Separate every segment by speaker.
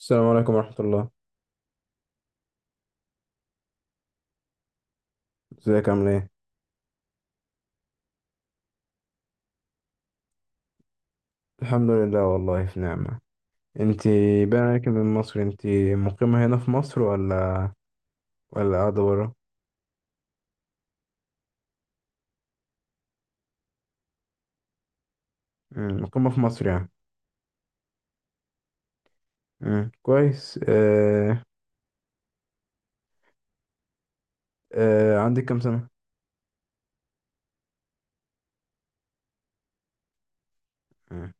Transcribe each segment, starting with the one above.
Speaker 1: السلام عليكم ورحمة الله. ازيك عامل ايه؟ الحمد لله، والله في نعمة. انتي باين عليك من مصر، انتي مقيمة هنا في مصر ولا قاعدة برا؟ مقيمة في مصر يعني. كويس. عندك كام سنة؟ مم.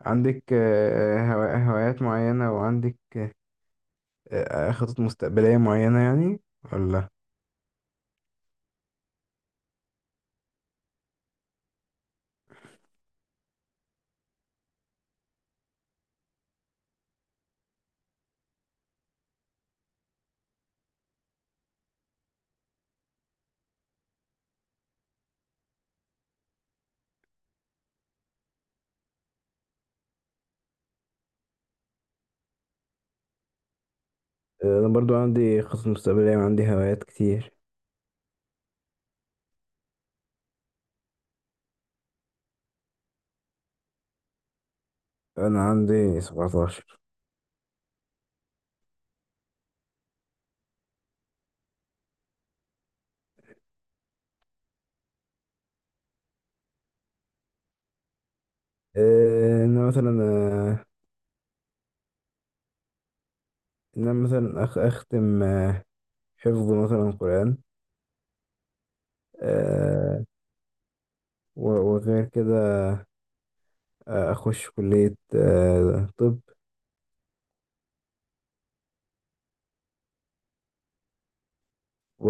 Speaker 1: عندك هوايات معينة، وعندك خطط مستقبلية معينة يعني ولا؟ أنا برضو عندي خطط مستقبلية وعندي هوايات كتير. أنا عندي 17. أنا مثلا، إن أنا مثلا أختم حفظ مثلا قرآن. آه، وغير كده أخش كلية طب، و...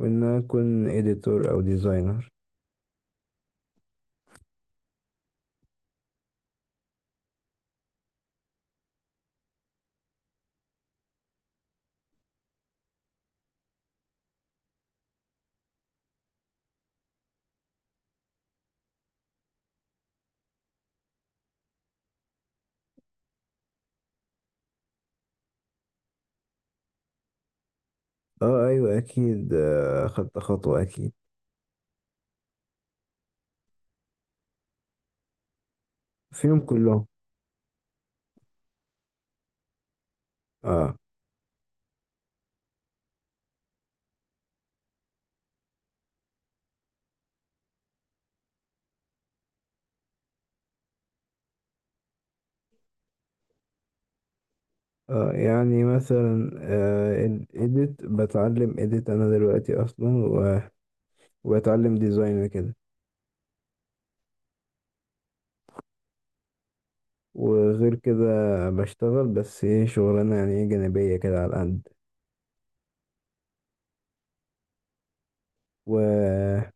Speaker 1: وإن أنا أكون إديتور أو ديزاينر. أه أيوة أكيد، أخدت خطوة أكيد فيهم كلهم. أه. أه يعني مثلا، إديت أنا دلوقتي أصلا، وبتعلم ديزاين وكده. وغير كده بشتغل، بس ايه، شغلانة يعني ايه جانبية كده على قد. وبالنسبة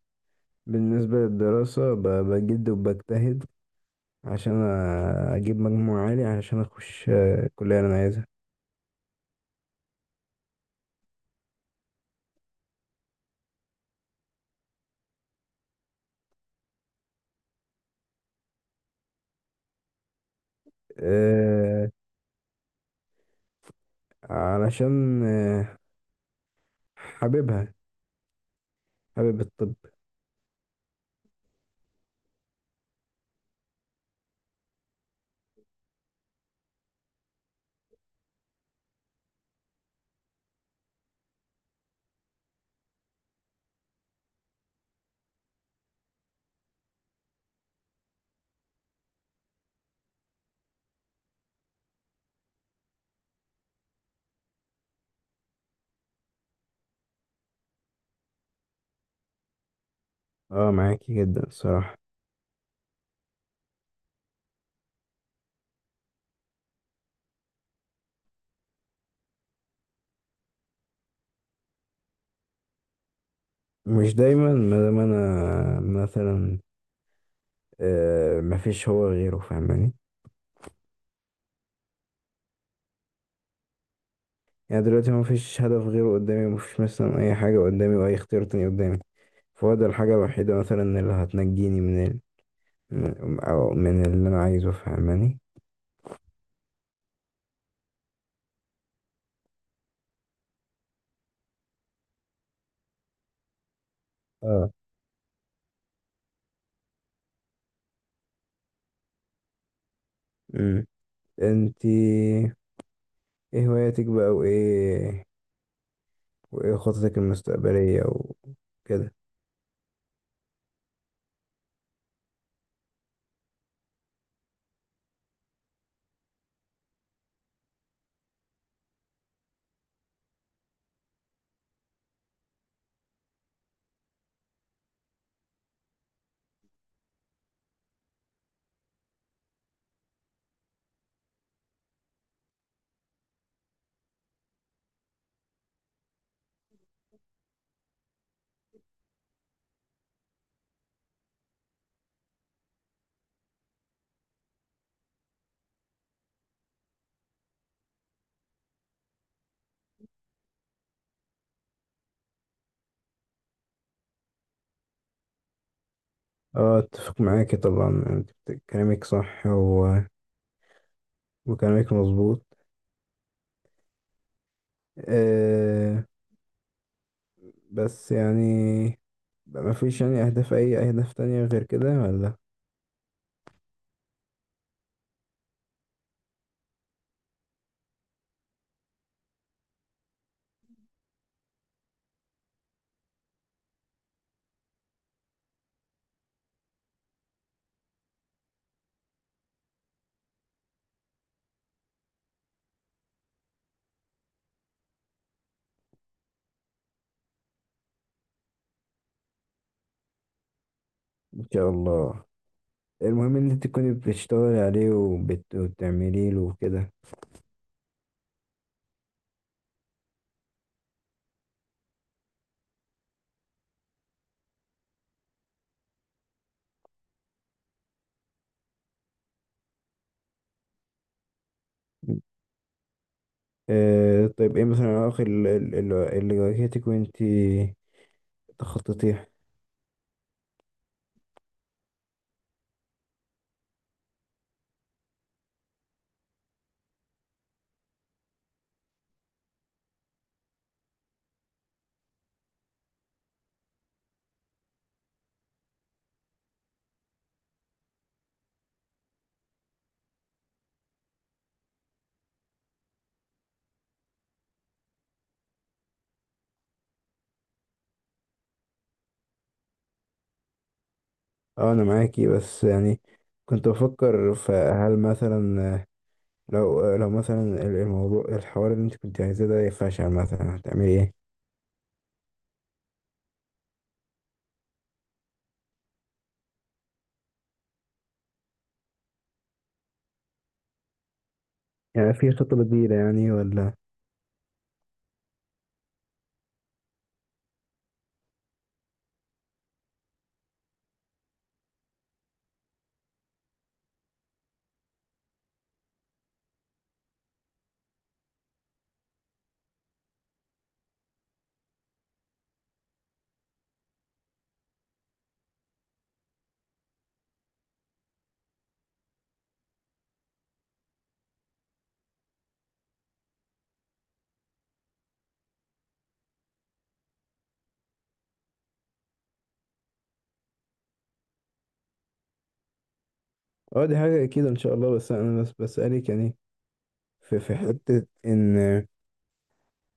Speaker 1: للدراسة بجد وبجتهد عشان أجيب مجموع عالي عشان أخش الكلية اللي أنا عايزها. آه، علشان حاببها، حابب الطب. اه معاكي جدا الصراحة. مش دايما، ما دام أنا مثلا مفيش هو غيره، فاهماني؟ يعني دلوقتي مفيش هدف غيره قدامي، مفيش مثلا أي حاجة قدامي وأي اختيار تاني قدامي، فهو ده الحاجة الوحيدة مثلا اللي هتنجيني من من أو من اللي أنا عايزه، فاهماني؟ اه. مم. أنتي إيه هواياتك بقى، وإيه خططك المستقبلية وكده. أه أتفق معاكي طبعا، أنت كلامك صح، وكلامك مظبوط. أه بس يعني بقى مفيش يعني أهداف، أي أهداف تانية غير كده ولا؟ إن شاء الله. المهم إن أنت تكوني بتشتغلي عليه وبتعمليه له وكده. طيب ايه مثلا العوائق اللي واجهتك وانتي تخططيه. اه انا معاكي، بس يعني كنت بفكر، فهل مثلا لو مثلا الموضوع، الحوار اللي انت كنت عايزاه ده فشل مثلا، هتعملي ايه؟ يعني في خطة بديلة يعني ولا؟ اه دي حاجة اكيد ان شاء الله، بس انا بس بسألك يعني، في حتة ان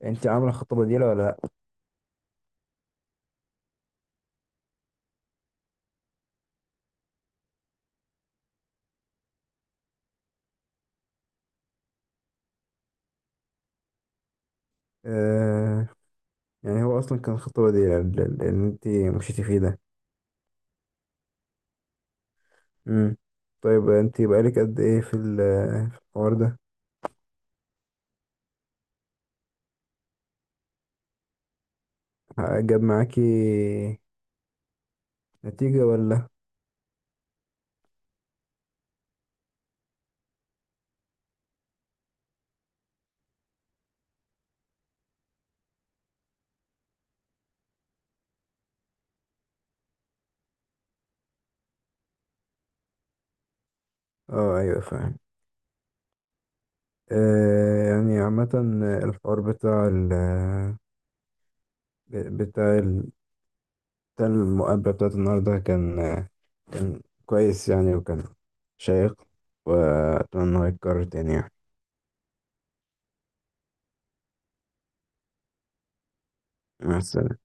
Speaker 1: انت عاملة خطة بديلة ولا لا. آه يعني هو اصلا كان خطة بديلة اللي انت مشيتي فيه ده. امم. طيب انت بقالك قد ايه في في الحوار ده؟ جاب معاكي نتيجة ولا؟ اه ايوه فاهم. يعني عامة، الحوار بتاع ال بتاع المقابلة بتاعت النهاردة كان، كان كويس يعني، وكان شيق، وأتمنى إنه يتكرر تاني يعني. مع السلامة.